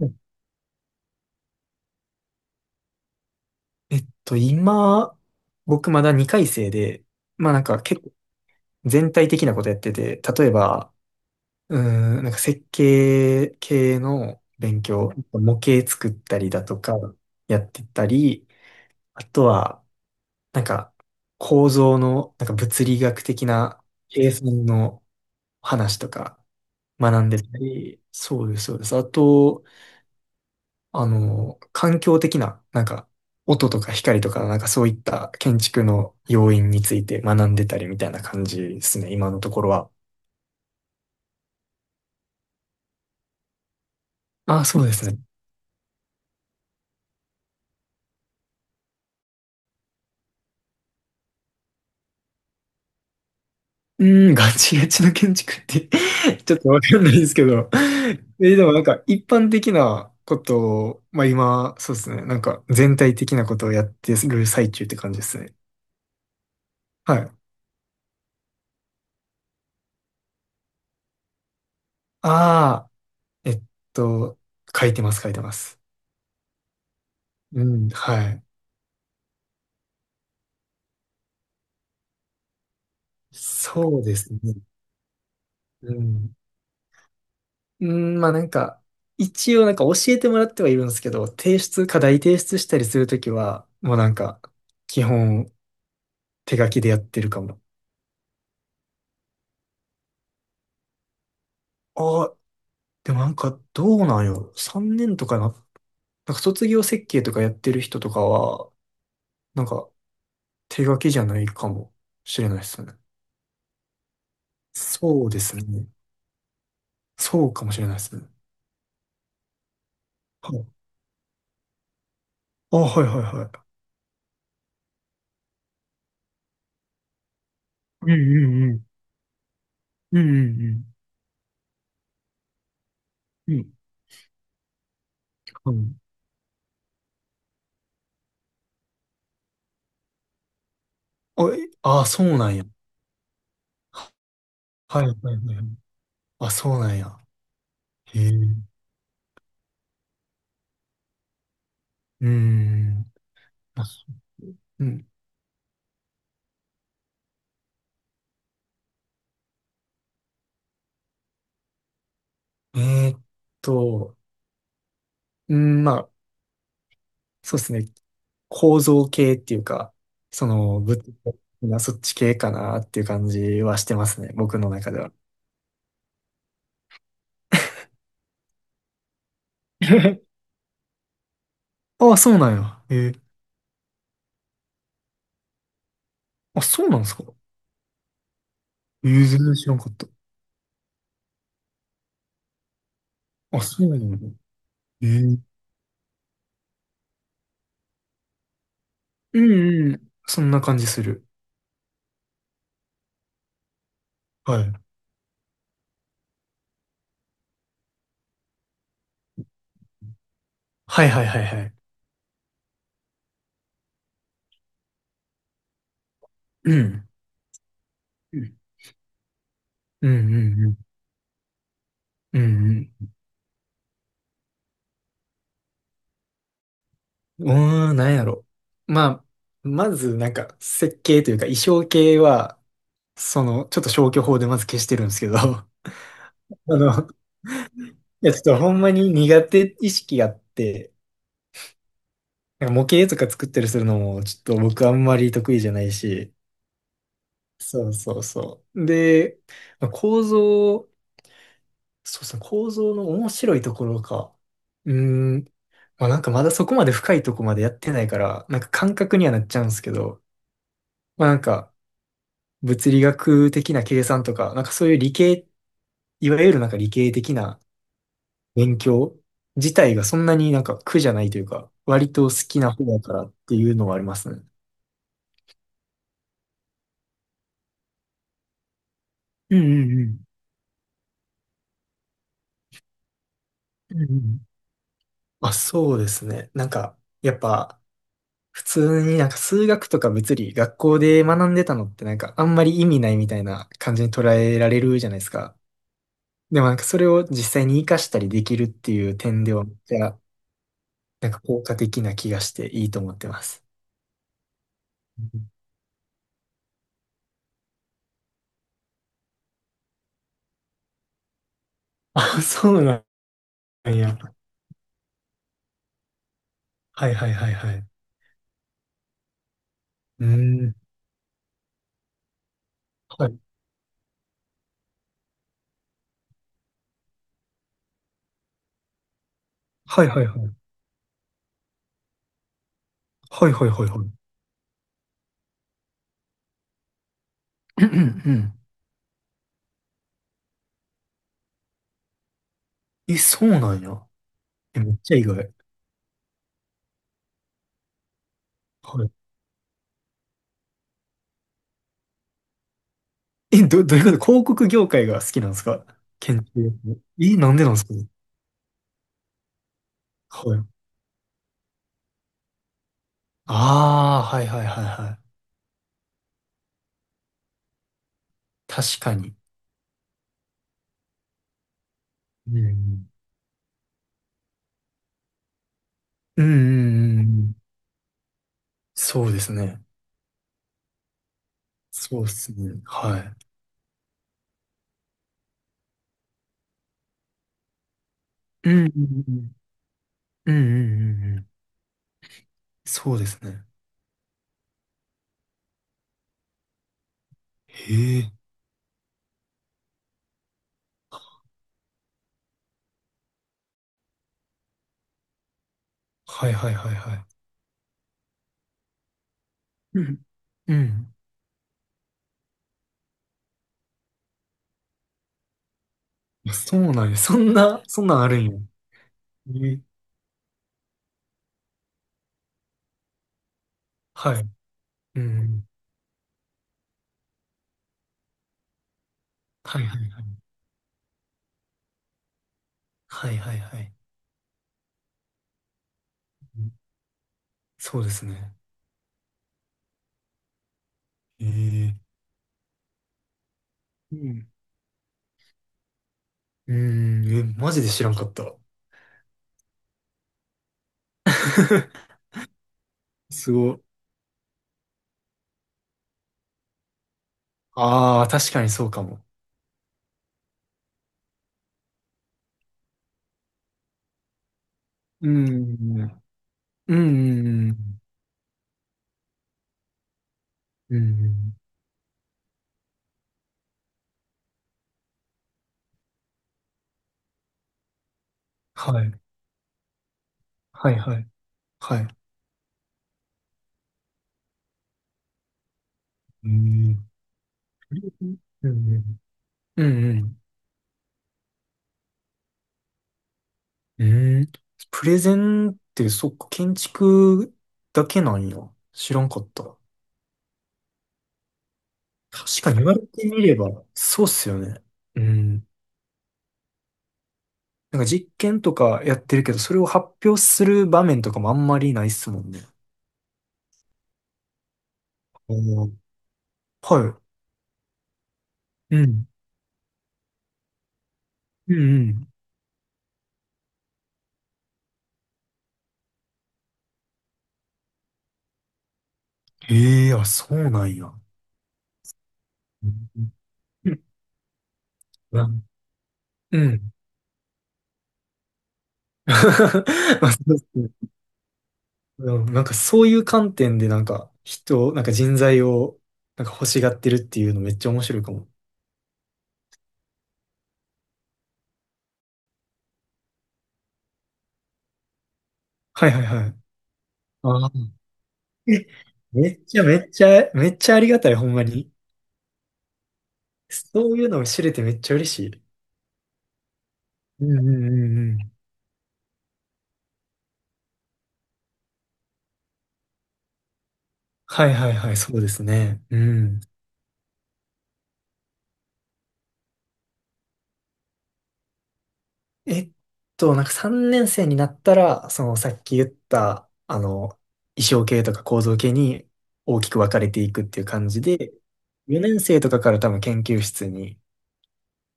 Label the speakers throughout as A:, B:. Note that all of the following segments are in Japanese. A: え今、僕まだ2回生で、まあなんか結構全体的なことやってて、例えば、うなんか設計系の勉強、模型作ったりだとかやってたり、あとは、なんか構造の、なんか物理学的な計算の話とか学んでたり、そうです、そうです。あと、環境的な、なんか、音とか光とか、なんかそういった建築の要因について学んでたりみたいな感じですね、今のところは。あ、そうですね。うん、ガチガチの建築って ちょっとわかんないですけど。え、でもなんか一般的なことを、まあ今、そうですね、なんか全体的なことをやってる最中って感じですね。はい。ああ、えっと、書いてます、書いてます。うん、はい。そうですね。うん。うん、まあなんか、一応なんか教えてもらってはいるんですけど、提出、課題提出したりするときは、もうなんか、基本手書きでやってるかも。ああ、でもなんかどうなんよ。3年とかな、なんか卒業設計とかやってる人とかは、なんか手書きじゃないかもしれないですね。そうですね。そうかもしれないですね。はい。あ、はいはいはい。うんうんうん。うんうんうん。うん。うん。あ、あ、そうなんや。はいはいはいはい。あ、そうなんや。へえ。うーん。まあ、うん。えーっと、うん、まあ、そうですね。構造系っていうか、その、物理的なそっち系かなっていう感じはしてますね。僕の中では。あ、そうなんや。えー、あ、そうなんですか。えー、全然知らんかった。あ、そうなんや。えー、うんうん。そんな感じする。はい。はいはいはいはい。うん。うんうんうん。うんうんうーん、なんやろ。まあ、まず、なんか、設計というか、衣装系は、その、ちょっと消去法でまず消してるんですけど、の、いや、ちょっとほんまに苦手意識があって、なんか模型とか作ったりするのも、ちょっと僕あんまり得意じゃないし、そうそうそう。で、まあ構造、そうそう、構造の面白いところか。うーん、まあなんかまだそこまで深いとこまでやってないから、なんか感覚にはなっちゃうんですけど、まあなんか、物理学的な計算とか、なんかそういう理系、いわゆるなんか理系的な勉強自体がそんなになんか苦じゃないというか、割と好きな方だからっていうのはありますね。うんうんうん。うんうん。まあそうですね。なんか、やっぱ、普通になんか数学とか物理、学校で学んでたのってなんかあんまり意味ないみたいな感じに捉えられるじゃないですか。でもなんかそれを実際に活かしたりできるっていう点では、めっちゃなんか効果的な気がしていいと思ってます。あ、そうなんや。はいはいはいはい。うーん。はい。はいはいはい。はいはいはいはい。うんうん。え、そうなんや。え、めっちゃ意外。はい。え、どういうこと広告業界が好きなんですか？建築。え、なんでなんですか？はい。ああ、はいはいはいはい。確かに。うん。うんうんうんうん、そうですね。そうですね。はい。うんうんうん。うんうんうんうん。そうですね。へえ。はいはいはいはい。うん。うん。あ、そうなんや。そんなんあるんや。え、はい。うん。はいはいはい。はいはいはい。うん、そうですね。ええ。うん。うん。え、マジで知らんかった。すごい。ああ、確かにそうかも。うん。うん。うん。うん。はい。はいはい。はい。うん。うん。うん。うん。うーん。プレゼンって、そっか、建築だけなんや。知らんかった。確かに言われてみれば、そうっすよね。うん。なんか実験とかやってるけど、それを発表する場面とかもあんまりないっすもんね。お、ーはい。うん。うんうん。ええ、あ、そうなんや。うんうんうんうん。まあそうっすね。うん、なんかそういう観点でなんか人材をなんか欲しがってるっていうのめっちゃ面白いかも。はいはいはい。ああ。え、めっちゃめっちゃ、めっちゃありがたい、ほんまに。そういうのを知れてめっちゃ嬉しい。うんうんうんうん。はいはいはい、そうですね。うん。えっなんか3年生になったら、そのさっき言った、衣装系とか構造系に大きく分かれていくっていう感じで、4年生とかから多分研究室に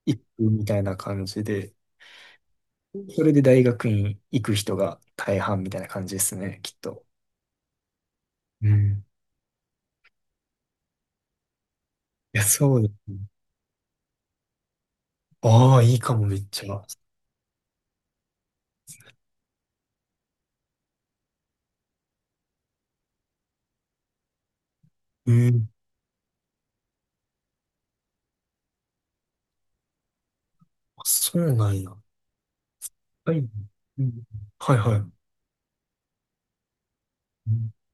A: 行くみたいな感じで、それで大学院行く人が大半みたいな感じですね、きっと。うん、いや、そうです。ああ、いいかも、めっちゃ。うん。あ、そうなんや。はい。うん。はいはい。うん、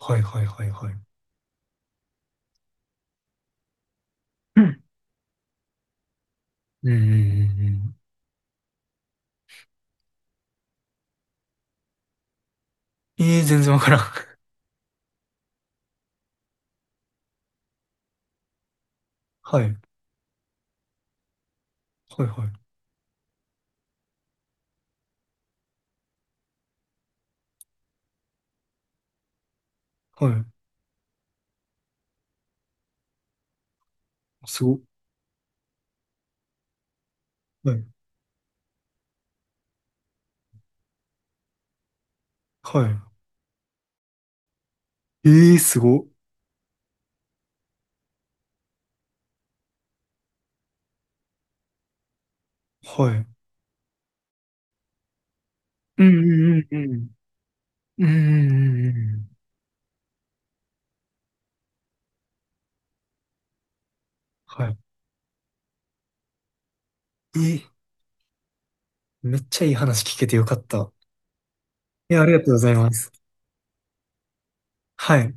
A: はいはいはいはい。うん。うんうんうんうん。ええー、全然わからん。はい。はいはい。はい。すご。はい。はい。ええー、すご。はい。うんうんうんうん。うんうんうんうん。はい。えー、めっちゃいい話聞けてよかった。いや、ありがとうございます。はい。